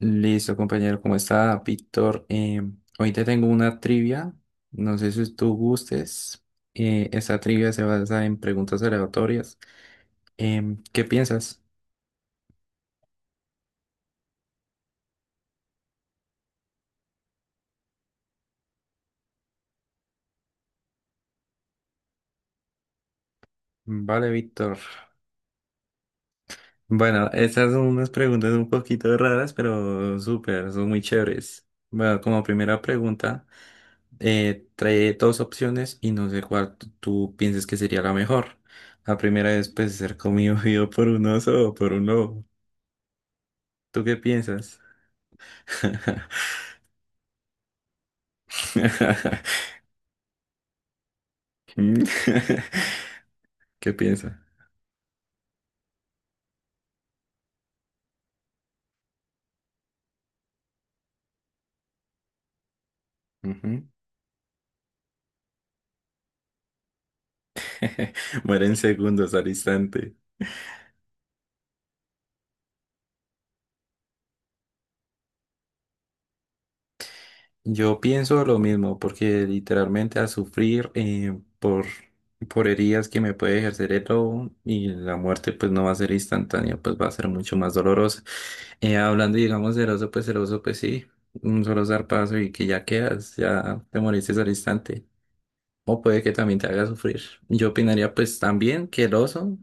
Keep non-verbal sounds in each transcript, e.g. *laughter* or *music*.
Listo, compañero, ¿cómo está, Víctor? Hoy te tengo una trivia, no sé si tú gustes. Esta trivia se basa en preguntas aleatorias. ¿Qué piensas? Vale, Víctor. Bueno, estas son unas preguntas un poquito raras, pero súper, son muy chéveres. Bueno, como primera pregunta, trae dos opciones y no sé cuál tú piensas que sería la mejor. La primera es, pues, ser comido *laughs* vivo por un oso o por un lobo. ¿Tú qué piensas? *laughs* *laughs* ¿Qué piensa? Ujú. *laughs* Muere en segundos al instante. Yo pienso lo mismo, porque literalmente a sufrir por heridas que me puede ejercer el lobo y la muerte pues no va a ser instantánea, pues va a ser mucho más dolorosa. Hablando, digamos, del oso, pues el oso, pues sí, un solo zarpazo y que ya quedas, ya te moriste al instante. O puede que también te haga sufrir. Yo opinaría pues también que el oso.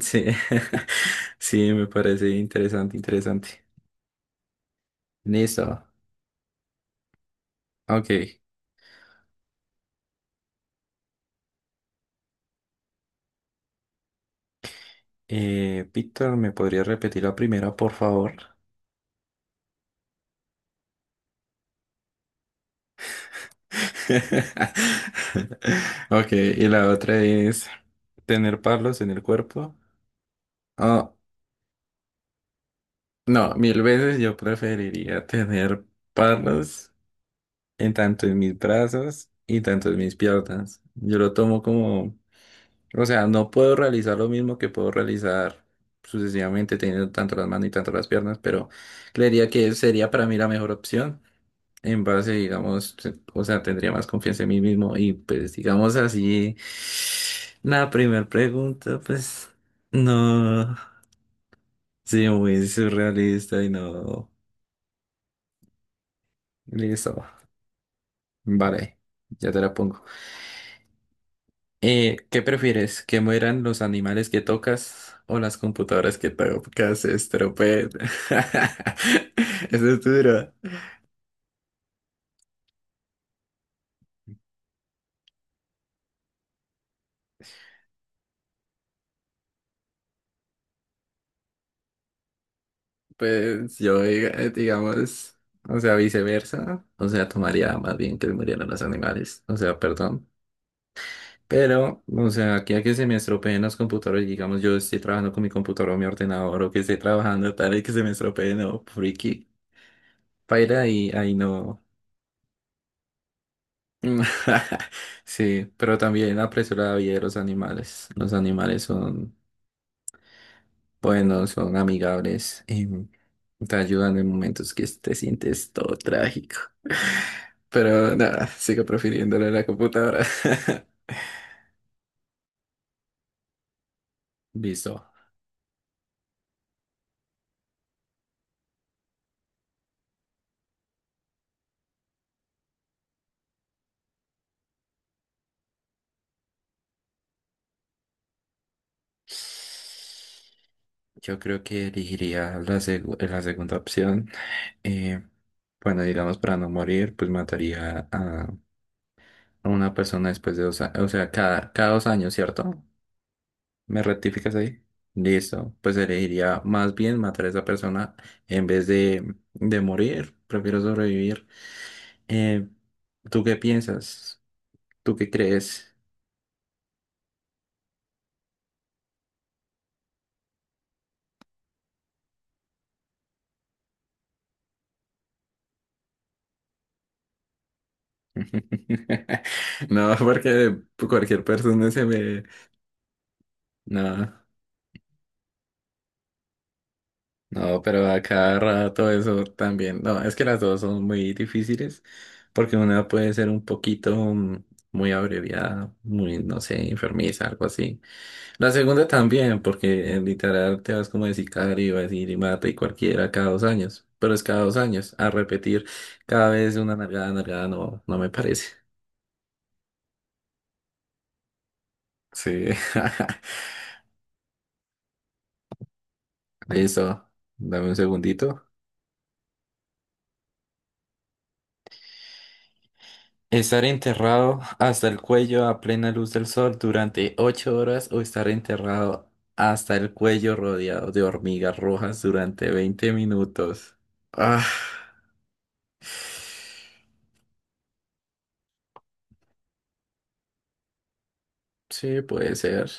Sí, *laughs* sí, me parece interesante, interesante. Listo. Ok. Víctor, ¿me podría repetir la primera, por favor? *laughs* Ok, y la otra es tener palos en el cuerpo. Oh, no, mil veces yo preferiría tener palos en tanto en mis brazos y tanto en mis piernas. Yo lo tomo como, o sea, no puedo realizar lo mismo que puedo realizar sucesivamente teniendo tanto las manos y tanto las piernas, pero creería que sería para mí la mejor opción. En base, digamos, o sea, tendría más confianza en mí mismo y pues digamos así, la primera pregunta, pues no, sí, muy surrealista y no. Listo, vale, ya te la pongo. ¿Qué prefieres? ¿Que mueran los animales que tocas o las computadoras que tocas se estropeen? *laughs* Eso es duro. Pues yo, digamos, o sea, viceversa. O sea, tomaría más bien que murieran los animales. O sea, perdón. Pero, o sea, aquí a que se me estropeen los computadores, digamos, yo estoy trabajando con mi computador o mi ordenador o que estoy trabajando tal y que se me estropeen o friki. Paila, ahí, ahí no. Mm. *laughs* Sí, pero también aprecio la vida de los animales. Los animales son buenos, son amigables y te ayudan en momentos que te sientes todo trágico. *laughs* Pero nada, sigo prefiriéndole la computadora. *laughs* Listo. Yo creo que elegiría la segunda opción. Eh, bueno, digamos, para no morir, pues mataría a una persona después de 2 años, o sea, cada 2 años, ¿cierto? ¿Me rectificas ahí? Listo. Pues elegiría más bien matar a esa persona en vez de morir. Prefiero sobrevivir. Eh, ¿Tú qué piensas? ¿Tú qué crees? *laughs* No, porque cualquier persona se me... No, no, pero a cada rato eso también. No, es que las dos son muy difíciles porque una puede ser un poquito muy abreviada, muy, no sé, enfermiza, algo así. La segunda también, porque literal te vas como de sicario, vas a decir y mata y cualquiera cada 2 años, pero es cada 2 años, a repetir cada vez una nalgada, nalgada, no, no me parece. Sí. *laughs* Listo, dame un segundito. Estar enterrado hasta el cuello a plena luz del sol durante 8 horas o estar enterrado hasta el cuello rodeado de hormigas rojas durante 20 minutos. Ah, sí, puede ser.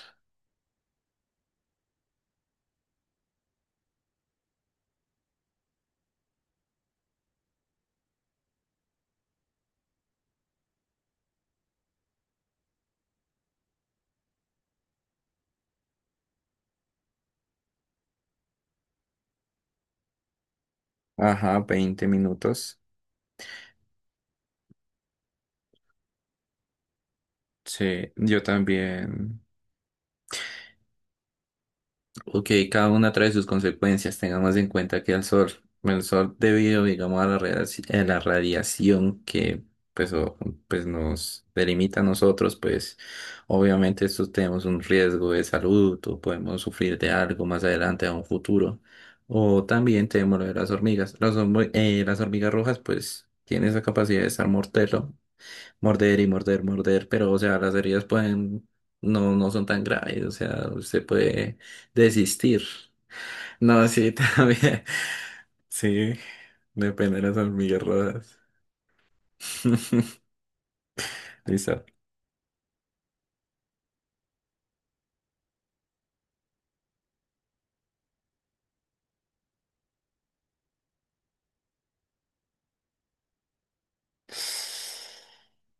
Ajá, 20 minutos. Sí, yo también. Ok, cada una trae sus consecuencias. Tengamos en cuenta que el sol debido, digamos, a a la radiación que pues, pues nos delimita a nosotros, pues obviamente esto tenemos un riesgo de salud o podemos sufrir de algo más adelante a un futuro. O también tenemos lo de las hormigas. Las hormigas rojas, pues, tienen esa capacidad de estar mortero. Morder y morder, morder, pero o sea, las heridas pueden, no, no son tan graves, o sea, usted puede desistir. No, sí, *laughs* también. Sí, depende de las hormigas rojas. *laughs* Listo.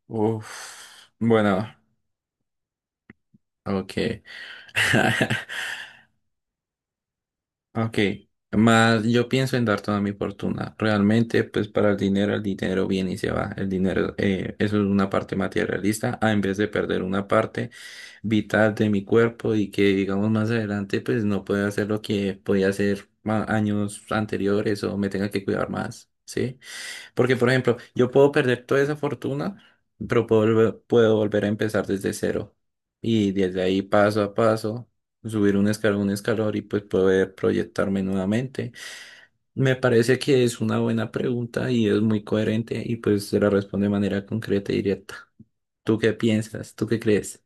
Uf. Bueno, ok. *laughs* Ok, más yo pienso en dar toda mi fortuna. Realmente, pues para el dinero viene y se va. El dinero, eso es una parte materialista, a en vez de perder una parte vital de mi cuerpo y que, digamos, más adelante, pues no pueda hacer lo que podía hacer años anteriores o me tenga que cuidar más, ¿sí? Porque, por ejemplo, yo puedo perder toda esa fortuna, pero puedo volver a empezar desde cero. Y desde ahí, paso a paso, subir un escalón y pues poder proyectarme nuevamente. Me parece que es una buena pregunta y es muy coherente y pues se la responde de manera concreta y directa. ¿Tú qué piensas? ¿Tú qué crees?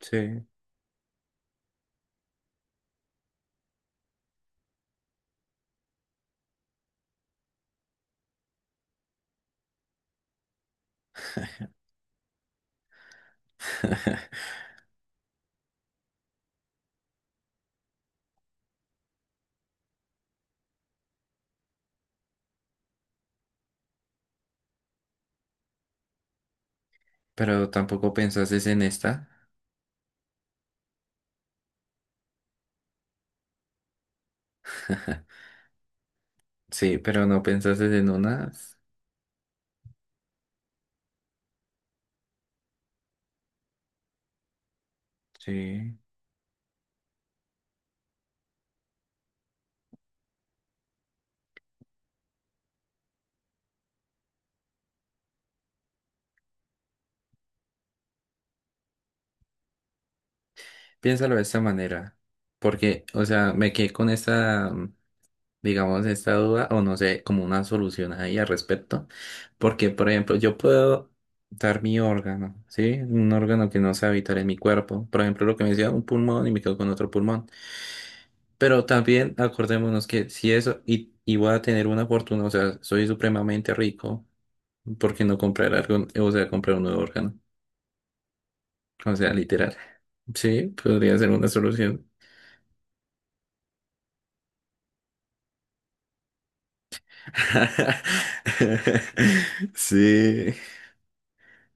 Sí, pero tampoco pensaste en esta. *laughs* Sí, pero no pensaste en una. Sí. Piénsalo de esta manera, porque, o sea, me quedé con esta, digamos, esta duda, o no sé, como una solución ahí al respecto, porque, por ejemplo, yo puedo dar mi órgano, ¿sí? Un órgano que no sea vital en mi cuerpo, por ejemplo, lo que me decía, un pulmón y me quedo con otro pulmón, pero también acordémonos que si eso, y voy a tener una fortuna, o sea, soy supremamente rico, ¿porque no comprar algo, o sea, comprar un nuevo órgano? O sea, literal, sí, podría ser una solución. *laughs* Sí,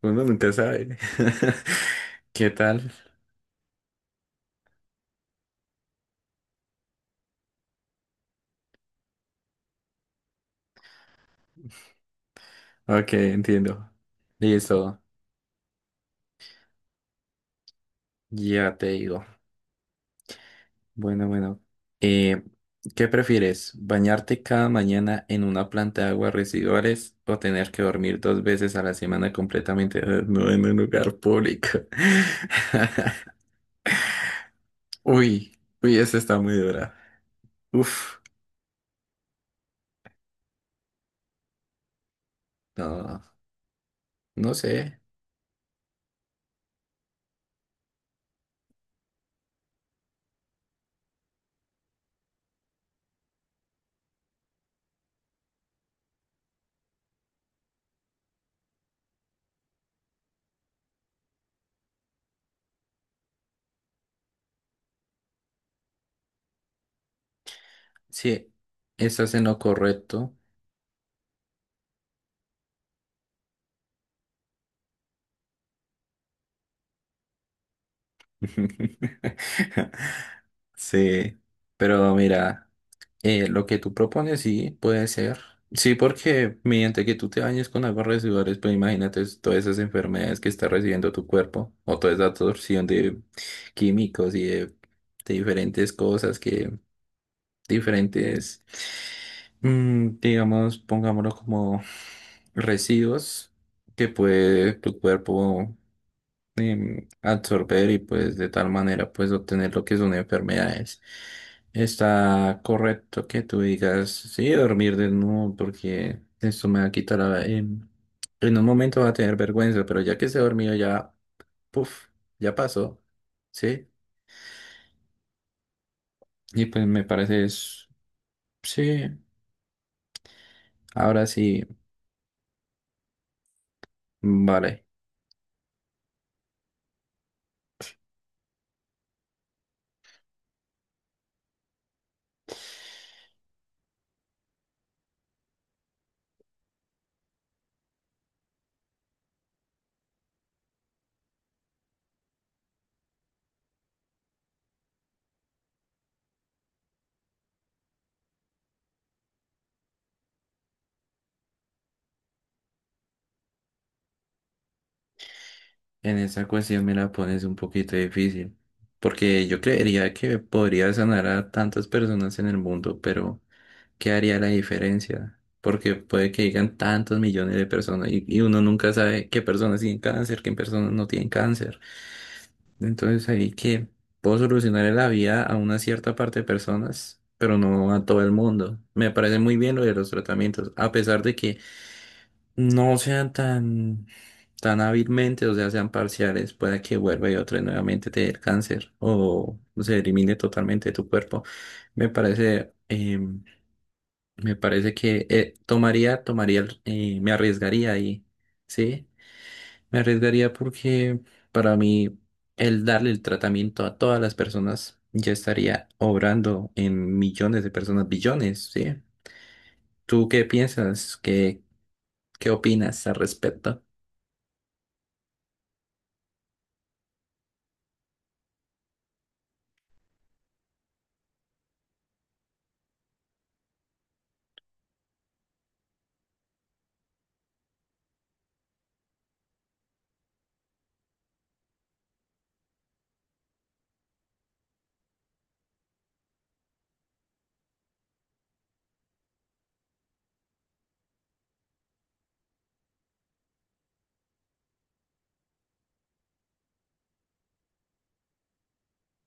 uno nunca sabe. *laughs* ¿Qué tal? Ok, entiendo. Listo, ya te digo. Bueno, bueno. Eh, ¿Qué prefieres? ¿Bañarte cada mañana en una planta de aguas residuales o tener que dormir dos veces a la semana completamente desnudo en un lugar público? *laughs* Uy, uy, esa está muy dura. Uf, no, no sé. Sí, estás en lo correcto. *laughs* Sí, pero mira, lo que tú propones sí puede ser. Sí, porque mediante que tú te bañes con aguas residuales, pues imagínate todas esas enfermedades que está recibiendo tu cuerpo o toda esa absorción de químicos y de diferentes cosas que diferentes, digamos, pongámoslo como residuos que puede tu cuerpo absorber y pues de tal manera pues obtener lo que son enfermedades. Está correcto que tú digas, sí, dormir desnudo porque esto me va a quitar en un momento va a tener vergüenza, pero ya que se dormido ya, puff, ya pasó, ¿sí? Y pues me parece, sí, ahora sí, vale. En esa cuestión me la pones un poquito difícil, porque yo creería que podría sanar a tantas personas en el mundo, pero ¿qué haría la diferencia? Porque puede que llegan tantos millones de personas y uno nunca sabe qué personas tienen cáncer, qué personas no tienen cáncer. Entonces ahí que puedo solucionar la vida a una cierta parte de personas, pero no a todo el mundo. Me parece muy bien lo de los tratamientos, a pesar de que no sean tan, tan hábilmente, o sea, sean parciales, pueda que vuelva y otra vez nuevamente te dé el cáncer o se elimine totalmente de tu cuerpo. Me parece, eh, me parece que tomaría, tomaría, el- Me arriesgaría ahí, ¿sí? Me arriesgaría porque para mí el darle el tratamiento a todas las personas ya estaría obrando en millones de personas, billones, ¿sí? ¿Tú qué piensas? ¿Qué opinas al respecto?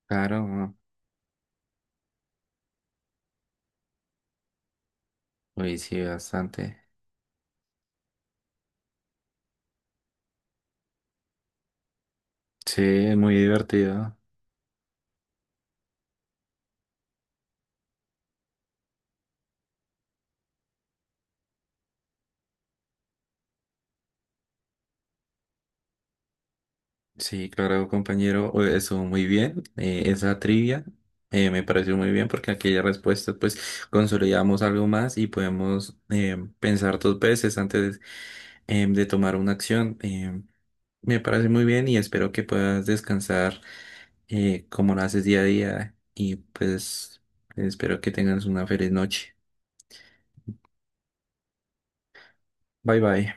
Claro, uy, sí, bastante. Sí, es muy divertido. Sí, claro, compañero, eso muy bien. Esa trivia me pareció muy bien porque aquella respuesta, pues consolidamos algo más y podemos pensar dos veces antes de tomar una acción. Me parece muy bien y espero que puedas descansar como lo haces día a día y pues espero que tengas una feliz noche. Bye bye.